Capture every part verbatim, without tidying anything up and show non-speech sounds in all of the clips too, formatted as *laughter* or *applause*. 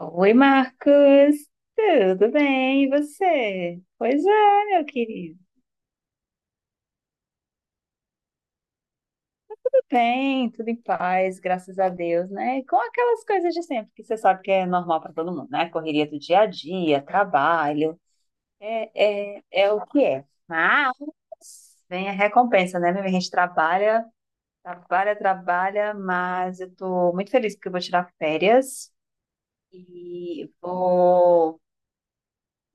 Oi, Marcos. Tudo bem, e você? Pois é, meu querido. Tudo bem, tudo em paz, graças a Deus, né? E com aquelas coisas de sempre, que você sabe que é normal para todo mundo, né? Correria do dia a dia, trabalho, é, é, é o que é. Mas vem a recompensa, né, meu? A gente trabalha, trabalha, trabalha, mas eu tô muito feliz porque eu vou tirar férias e vou.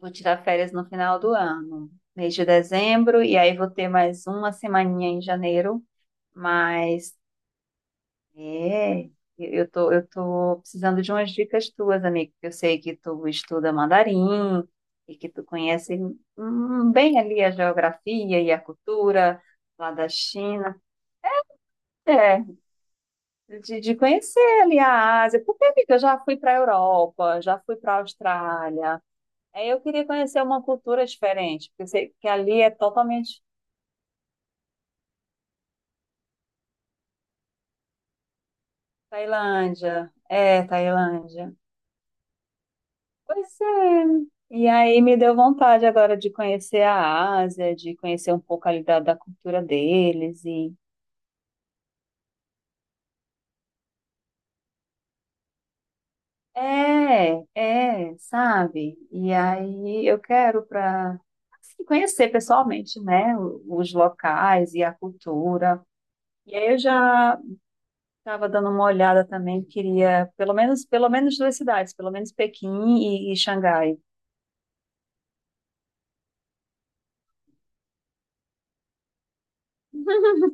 Vou tirar férias no final do ano, mês de dezembro, e aí vou ter mais uma semaninha em janeiro, mas é, eu eu tô, eu tô precisando de umas dicas tuas, amigo, porque eu sei que tu estuda mandarim e que tu conhece hum, bem ali a geografia e a cultura lá da China. É, de, de conhecer ali a Ásia, porque, amiga, eu já fui para a Europa, já fui para a Austrália. É, eu queria conhecer uma cultura diferente, porque eu sei que ali é totalmente Tailândia. É, Tailândia. Pois é. E aí me deu vontade agora de conhecer a Ásia, de conhecer um pouco ali da, da cultura deles e é, é, sabe? E aí eu quero para conhecer pessoalmente, né, o- os locais e a cultura. E aí eu já estava dando uma olhada também, queria pelo menos, pelo menos duas cidades, pelo menos Pequim e, e Xangai. *laughs*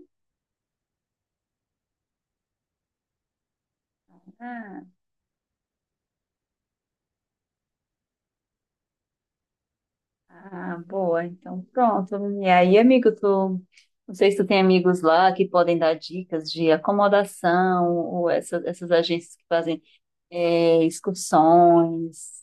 Ah, ah, boa, então pronto. E aí, amigo, tu, não sei se tu tem amigos lá que podem dar dicas de acomodação ou essas, essas agências que fazem é, excursões.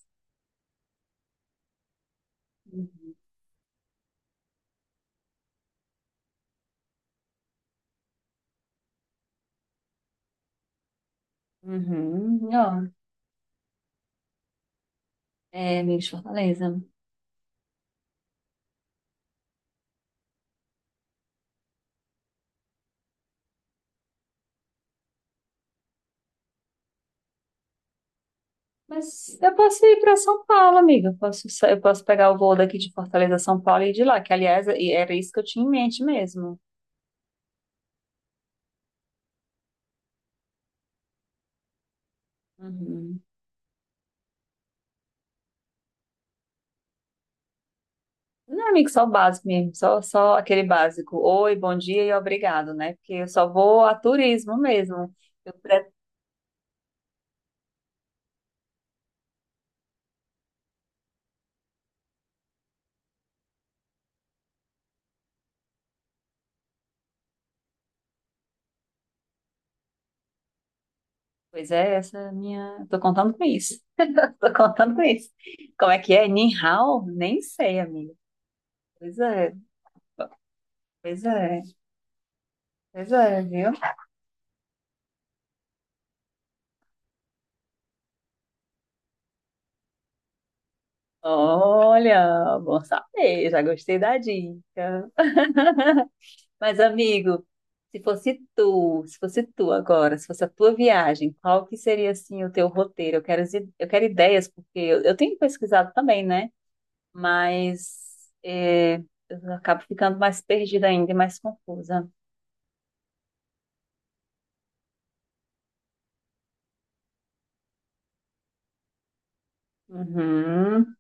Uhum, uhum. Ó, é, amigo de Fortaleza. Mas eu posso ir para São Paulo, amiga. Eu posso, sa- eu posso pegar o voo daqui de Fortaleza São Paulo e ir de lá, que aliás e era isso que eu tinha em mente mesmo. Uhum. Não, amigo, só o básico mesmo, só, só aquele básico. Oi, bom dia e obrigado, né? Porque eu só vou a turismo mesmo. Eu pre- Pois é, essa é a minha. Eu tô contando com isso. *laughs* Tô contando com isso. Como é que é? Ni hao? Nem sei, amiga. Pois é, pois é, Pois é, viu? Olha, bom saber, já gostei da dica. Mas, amigo, se fosse tu, se fosse tu agora, se fosse a tua viagem, qual que seria, assim, o teu roteiro? Eu quero, as i- eu quero ideias, porque eu, eu tenho pesquisado também, né? Mas é, eu acabo ficando mais perdida ainda e mais confusa. Uhum,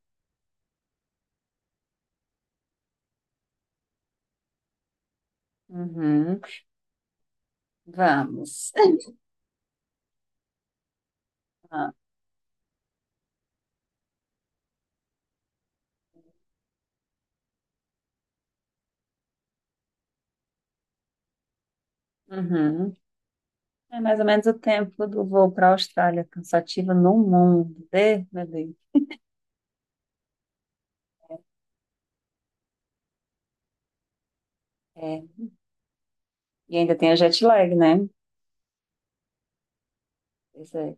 uhum. Vamos. *laughs* Ah, uhum. É mais ou menos o tempo do voo para a Austrália, cansativo no mundo. Eh, meu Deus. É, e ainda tem a jet lag, né? Pois é.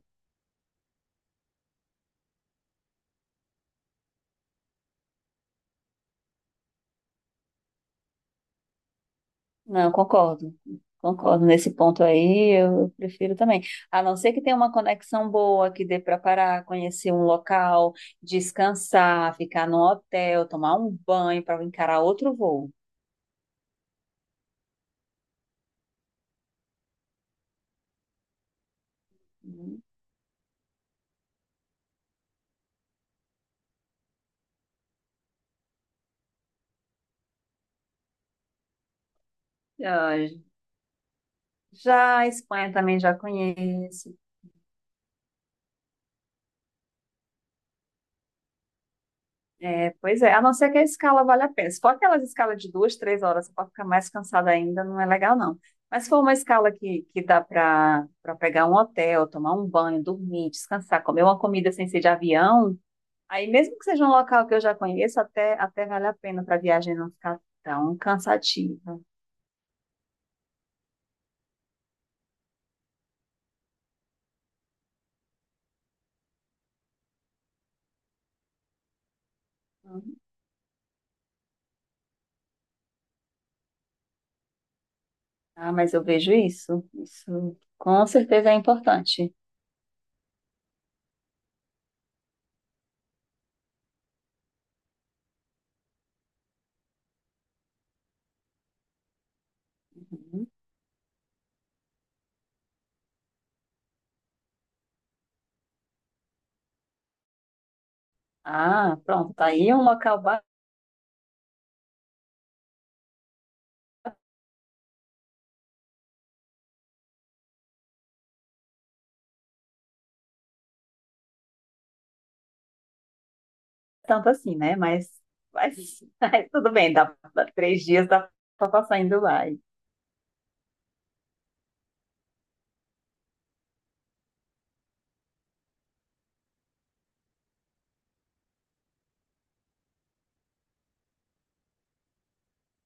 Não, concordo. Concordo nesse ponto aí, eu, eu prefiro também. A não ser que tenha uma conexão boa, que dê para parar, conhecer um local, descansar, ficar num hotel, tomar um banho para encarar outro voo. Ah, já a Espanha também já conheço. É, pois é, a não ser que a escala vale a pena. Se for aquelas escalas de duas, três horas, você pode ficar mais cansada ainda, não é legal, não. Mas se for uma escala que, que dá para para pegar um hotel, tomar um banho, dormir, descansar, comer uma comida sem ser de avião, aí mesmo que seja um local que eu já conheço, até, até vale a pena para a viagem não ficar tão cansativa. Uhum. Ah, mas eu vejo isso. Isso com certeza é importante. Uhum. Ah, pronto, tá aí um local tanto assim, né? Mas, mas, *laughs* mas tudo bem, dá, dá três dias, dá pra passar indo lá. E,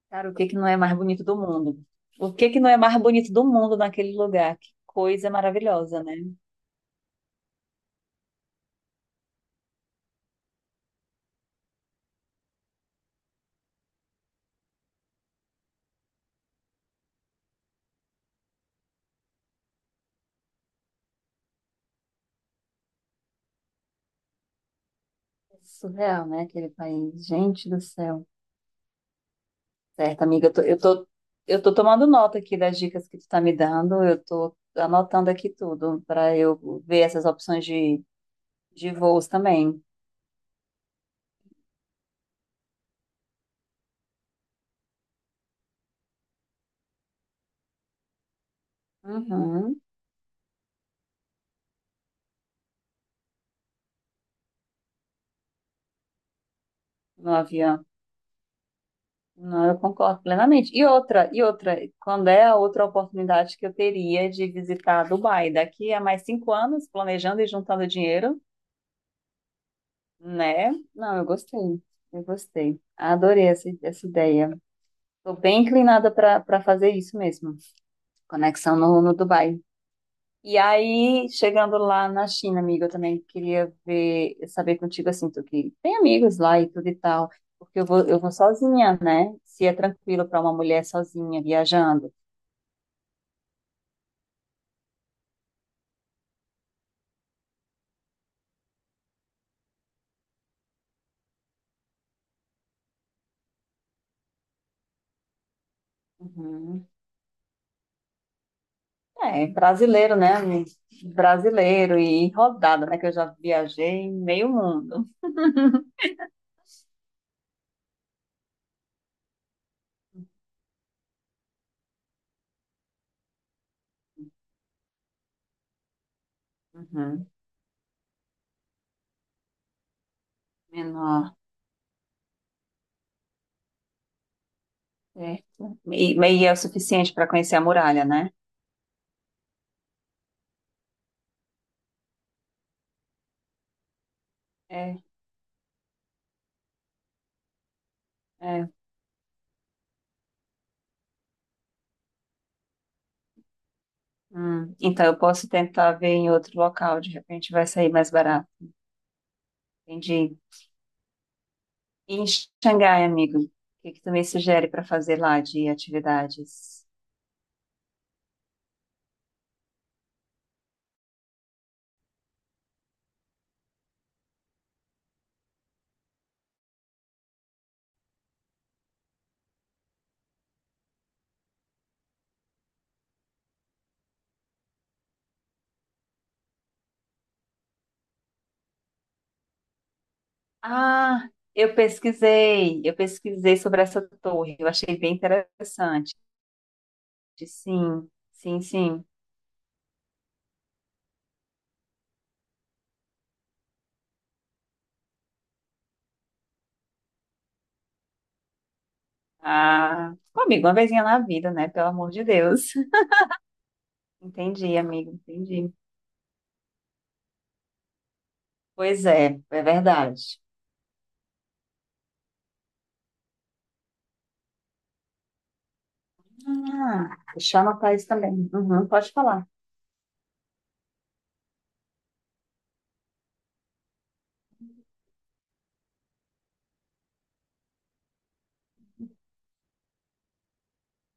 cara, o que que não é mais bonito do mundo? O que que não é mais bonito do mundo naquele lugar? Que coisa maravilhosa, né? Surreal, né? Aquele país. Gente do céu. Certo, amiga, eu tô, eu tô, eu tô tomando nota aqui das dicas que tu tá me dando, eu tô anotando aqui tudo para eu ver essas opções de, de voos também. Uhum, no avião. Não, eu concordo plenamente. E outra, e outra, quando é a outra oportunidade que eu teria de visitar Dubai? Daqui a mais cinco anos, planejando e juntando dinheiro, né? Não, eu gostei, eu gostei. Adorei essa, essa ideia. Estou bem inclinada para para fazer isso mesmo. Conexão no, no Dubai. E aí, chegando lá na China, amiga, eu também queria ver, saber contigo assim, tu que tem amigos lá e tudo e tal, porque eu vou, eu vou sozinha, né? Se é tranquilo para uma mulher sozinha viajando. Uhum. É, brasileiro, né? Um brasileiro e rodada, né? Que eu já viajei em meio mundo. Uhum. Menor, certo. E, e é o suficiente para conhecer a muralha, né? É, é. Hum. Então eu posso tentar ver em outro local, de repente vai sair mais barato. Entendi. E em Xangai, amigo, o que que tu me sugere para fazer lá de atividades? Ah, eu pesquisei, eu pesquisei sobre essa torre, eu achei bem interessante. Sim, sim, sim. Ah, pô, amigo, uma vezinha na vida, né? Pelo amor de Deus. *laughs* Entendi, amigo, entendi. Pois é, é verdade. Ah, deixa eu anotar isso também. Uhum, pode falar.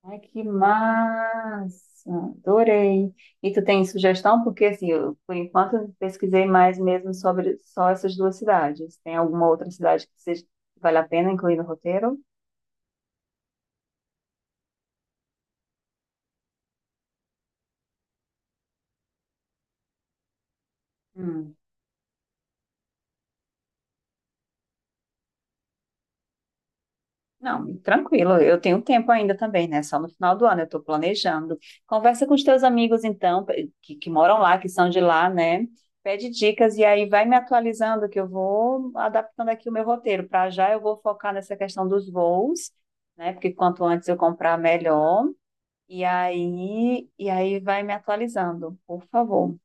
Ai, que massa! Adorei. E tu tem sugestão? Porque, assim, eu, por enquanto, eu pesquisei mais mesmo sobre só essas duas cidades. Tem alguma outra cidade que seja, que vale a pena incluir no roteiro? Não, tranquilo, eu tenho tempo ainda também, né? Só no final do ano eu estou planejando. Conversa com os teus amigos, então, pe- que, que moram lá, que são de lá, né? Pede dicas e aí vai me atualizando, que eu vou adaptando aqui o meu roteiro. Para já eu vou focar nessa questão dos voos, né? Porque quanto antes eu comprar, melhor. E aí, e aí vai me atualizando, por favor.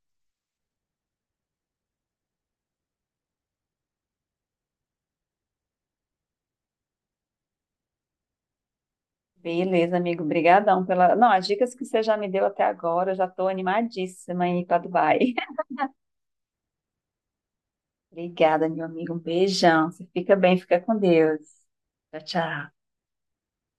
Beleza, amigo, brigadão pela... Não, as dicas que você já me deu até agora, eu já estou animadíssima em ir para Dubai. Obrigada, meu amigo. Um beijão. Você fica bem, fica com Deus. Tchau, tchau.